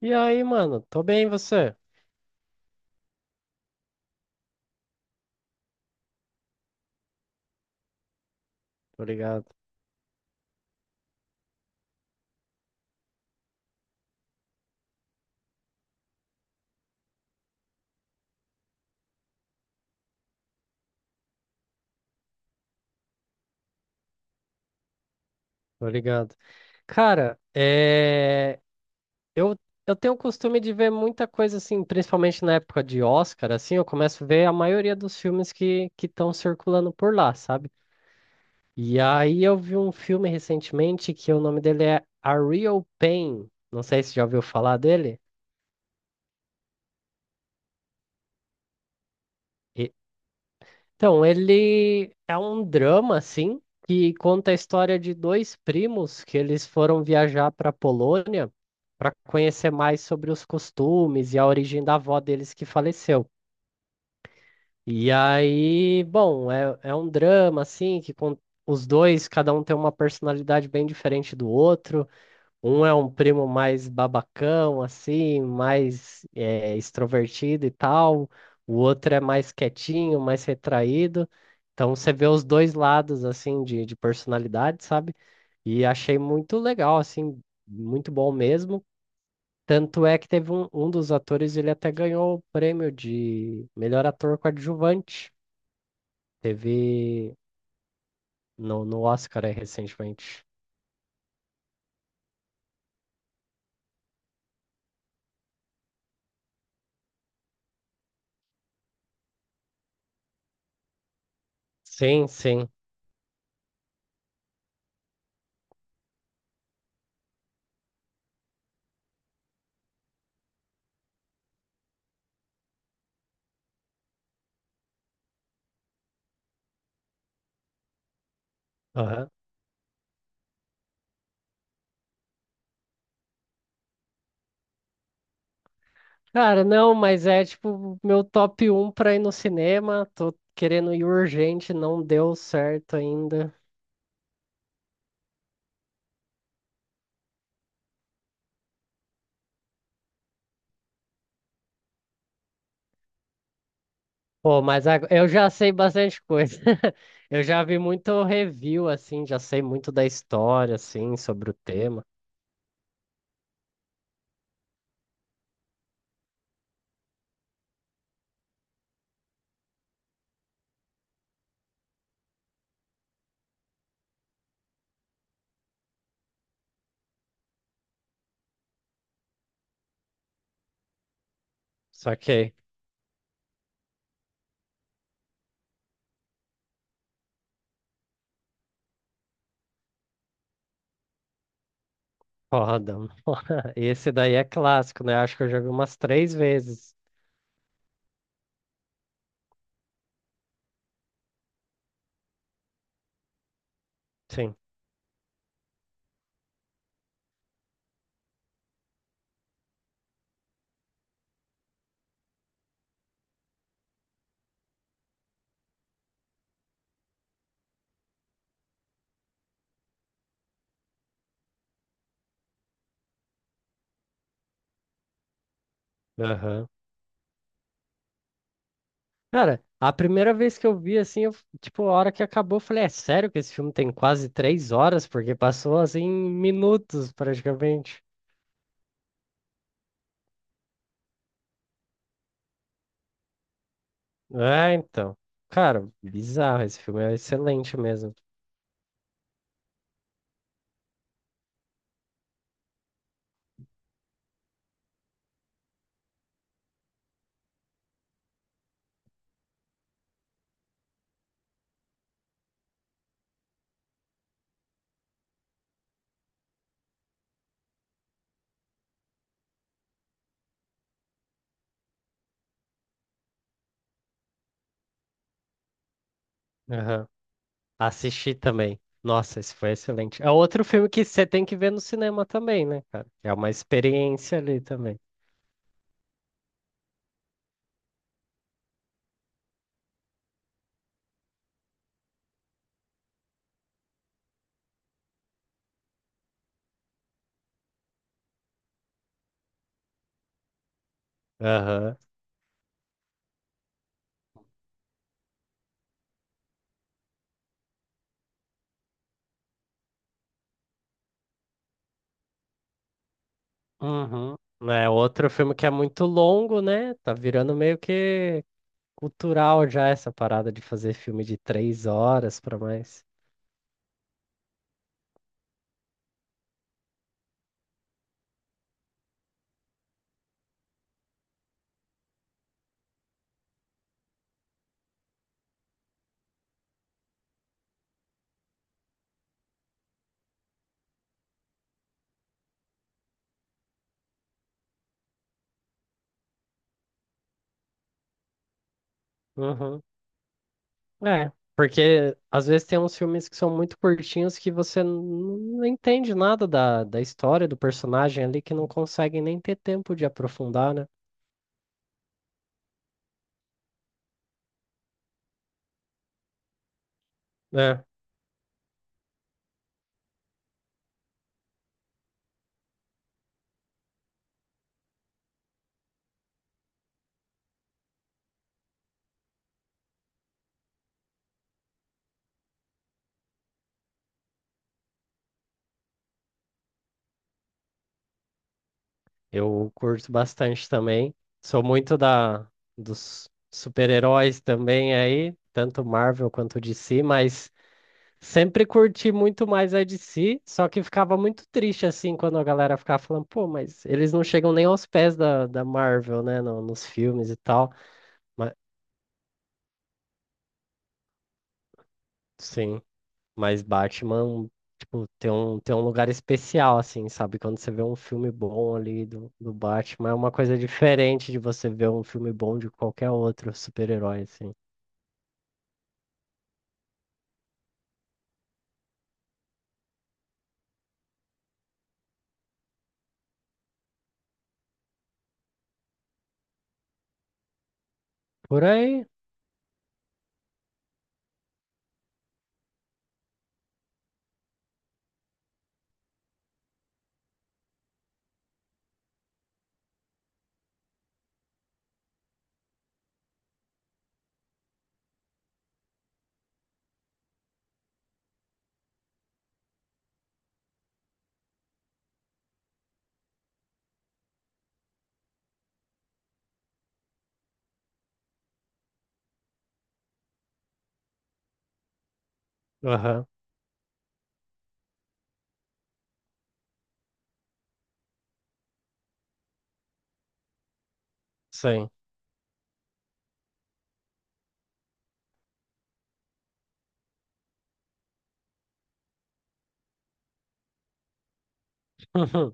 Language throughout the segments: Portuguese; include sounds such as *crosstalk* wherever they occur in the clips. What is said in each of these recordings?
E aí, mano? Tô bem, e você? Tô ligado, tô ligado. Cara, eu, eu tenho o costume de ver muita coisa assim, principalmente na época de Oscar, assim, eu começo a ver a maioria dos filmes que estão circulando por lá, sabe? E aí eu vi um filme recentemente que o nome dele é A Real Pain. Não sei se já ouviu falar dele. E- Então, ele é um drama, assim, que conta a história de dois primos que eles foram viajar para a Polônia para conhecer mais sobre os costumes e a origem da avó deles que faleceu. E aí, bom, é um drama, assim, os dois, cada um tem uma personalidade bem diferente do outro. Um é um primo mais babacão, assim, mais extrovertido e tal. O outro é mais quietinho, mais retraído. Então você vê os dois lados, assim, de personalidade, sabe? E achei muito legal, assim, muito bom mesmo. Tanto é que teve um dos atores, ele até ganhou o prêmio de melhor ator coadjuvante. Teve no Oscar aí, recentemente. Sim, sim. Aham. Cara, não, mas é tipo meu top um pra ir no cinema. Tô querendo ir urgente, não deu certo ainda. Pô, mas eu já sei bastante coisa. *laughs* Eu já vi muito review, assim, já sei muito da história, assim, sobre o tema. Só que, foda, mano. *laughs* Esse daí é clássico, né? Acho que eu já vi umas três vezes. Sim. Cara, a primeira vez que eu vi, assim, eu, tipo, a hora que acabou, eu falei, é sério que esse filme tem quase 3 horas? Porque passou, assim, em minutos, praticamente. É, então. Cara, bizarro, esse filme é excelente mesmo. Aham. Assisti também. Nossa, esse foi excelente. É outro filme que você tem que ver no cinema também, né, cara? É uma experiência ali também. Aham. Uhum. É outro filme que é muito longo, né? Tá virando meio que cultural já essa parada de fazer filme de 3 horas pra mais. Uhum. É, porque às vezes tem uns filmes que são muito curtinhos que você não entende nada da, história do personagem ali, que não consegue nem ter tempo de aprofundar, né? É, eu curto bastante também. Sou muito da dos super-heróis também aí, tanto Marvel quanto DC, mas sempre curti muito mais a DC, só que ficava muito triste assim quando a galera ficava falando, pô, mas eles não chegam nem aos pés da Marvel, né, nos filmes e tal. Mas, sim, mas Batman, tipo, tem um lugar especial, assim, sabe? Quando você vê um filme bom ali do Batman, é uma coisa diferente de você ver um filme bom de qualquer outro super-herói, assim. Por aí? Aham, sim. *laughs*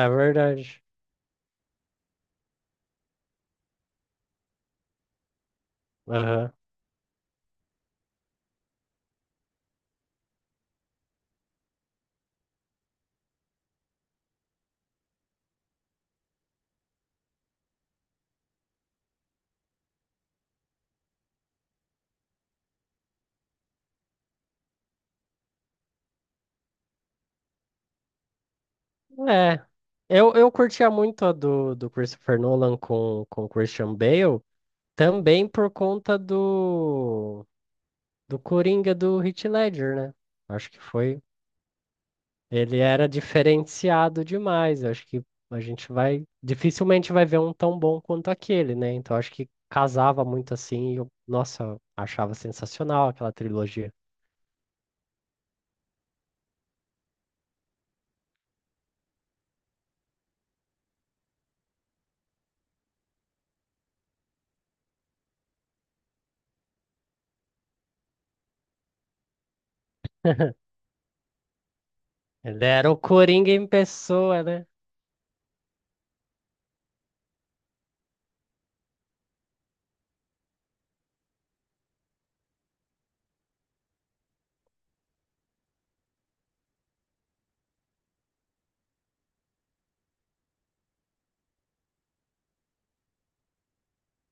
É verdade. Aham. É, eu curtia muito a do Christopher Nolan com Christian Bale, também por conta do Coringa do Heath Ledger, né? Acho que foi. Ele era diferenciado demais. Acho que a gente vai. Dificilmente vai ver um tão bom quanto aquele, né? Então acho que casava muito assim. E eu, nossa, achava sensacional aquela trilogia. *laughs* Ele era o Coringa em pessoa, né?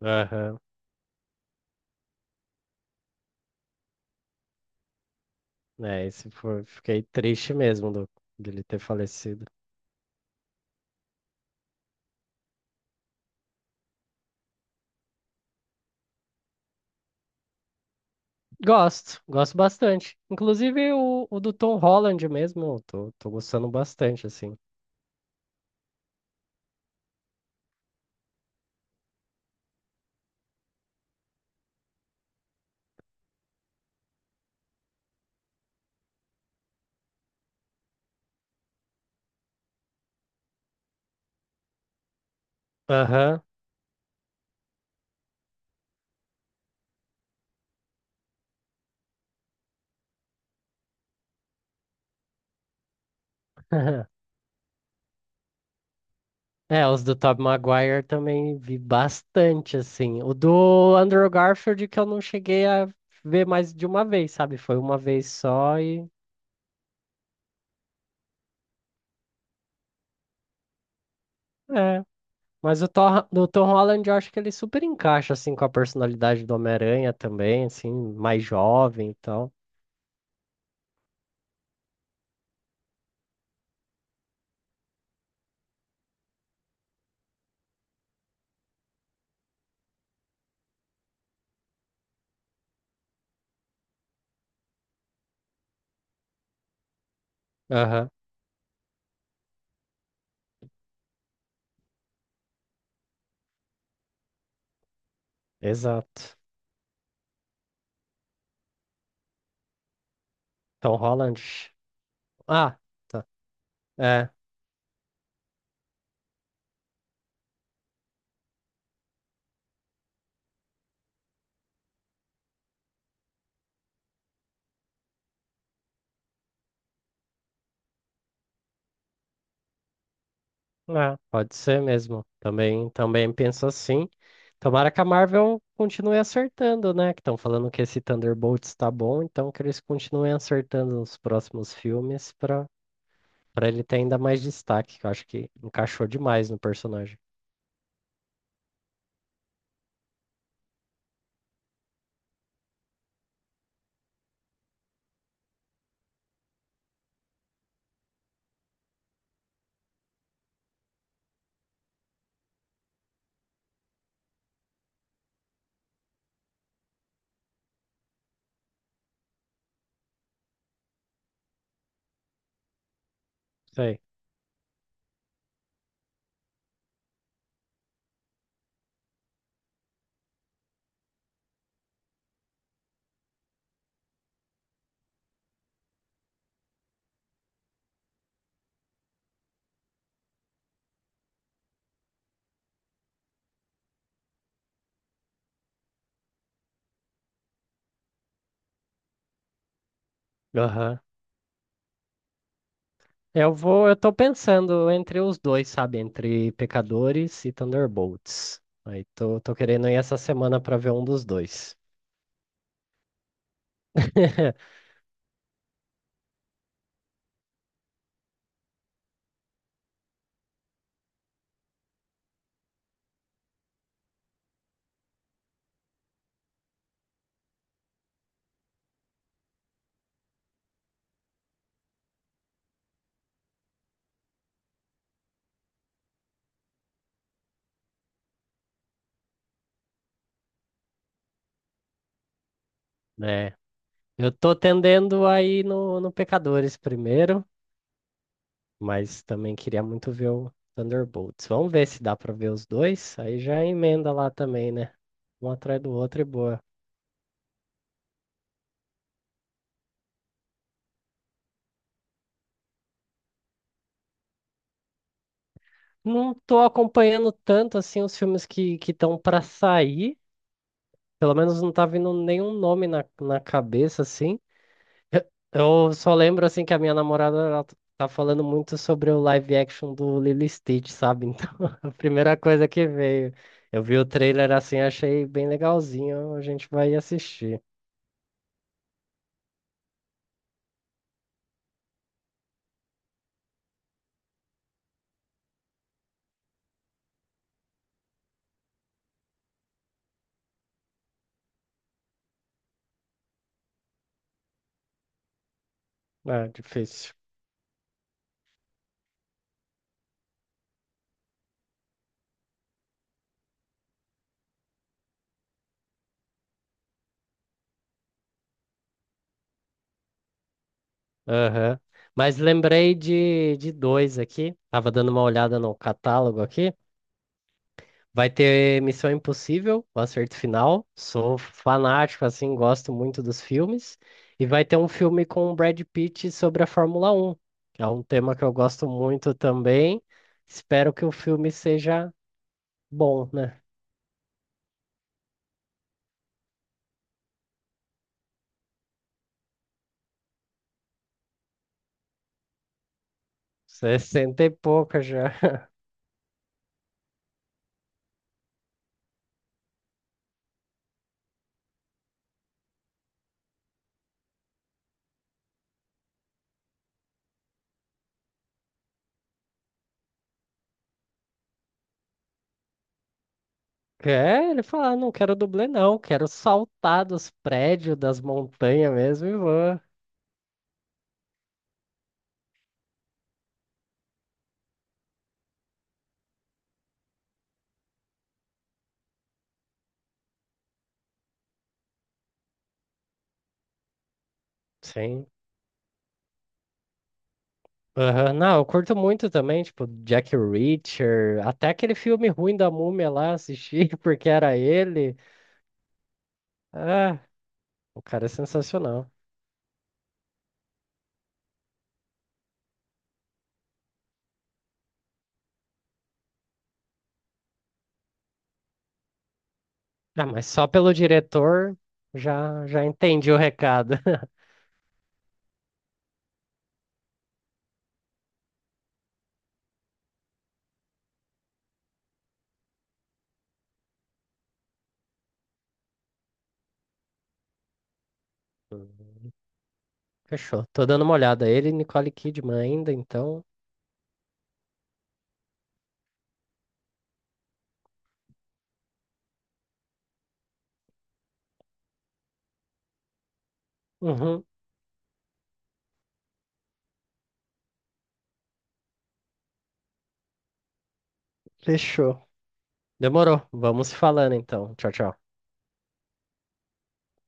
Aham. É, esse foi, fiquei triste mesmo dele ter falecido. Gosto, gosto bastante. Inclusive o do Tom Holland mesmo, eu tô gostando bastante, assim. Aham. *laughs* É, os do Tobey Maguire também vi bastante, assim. O do Andrew Garfield que eu não cheguei a ver mais de uma vez, sabe? Foi uma vez só e... É, mas o Thor, do Tom Holland eu acho que ele super encaixa, assim, com a personalidade do Homem-Aranha também, assim, mais jovem e tal. Aham. Exato. Tom Holland. Ah, tá. É, é, pode ser mesmo. Também penso assim. Tomara que a Marvel continue acertando, né? Que estão falando que esse Thunderbolts está bom, então que eles continuem acertando nos próximos filmes para ele ter ainda mais destaque, que eu acho que encaixou demais no personagem. Sei. Aham. Eu tô pensando entre os dois, sabe? Entre Pecadores e Thunderbolts. Aí tô querendo ir essa semana para ver um dos dois. *laughs* Né? Eu tô tendendo aí no Pecadores primeiro, mas também queria muito ver o Thunderbolts. Vamos ver se dá pra ver os dois, aí já emenda lá também, né? Um atrás do outro e boa. Não tô acompanhando tanto assim os filmes que estão pra sair, pelo menos não tá vindo nenhum nome na, cabeça assim. Eu só lembro assim que a minha namorada ela tá falando muito sobre o live action do Lilo e Stitch, sabe? Então, *laughs* a primeira coisa que veio. Eu vi o trailer assim, achei bem legalzinho, a gente vai assistir. Ah, difícil. Aham. Mas lembrei de dois aqui. Tava dando uma olhada no catálogo aqui. Vai ter Missão Impossível, o Acerto Final. Sou fanático, assim, gosto muito dos filmes. E vai ter um filme com o Brad Pitt sobre a Fórmula 1, que é um tema que eu gosto muito também. Espero que o filme seja bom, né? 60 e pouca já. *laughs* É, ele fala: "Ah, não quero dublê não, quero saltar dos prédios, das montanhas mesmo e vou." Sim. Aham, não, eu curto muito também, tipo, Jack Reacher, até aquele filme ruim da Múmia lá, assisti *laughs* porque era ele. Ah, o cara é sensacional. Ah, mas só pelo diretor já, já entendi o recado. *laughs* Uhum, fechou. Tô dando uma olhada. Ele e Nicole Kidman ainda, então. Uhum, fechou. Demorou. Vamos se falando então. Tchau, tchau.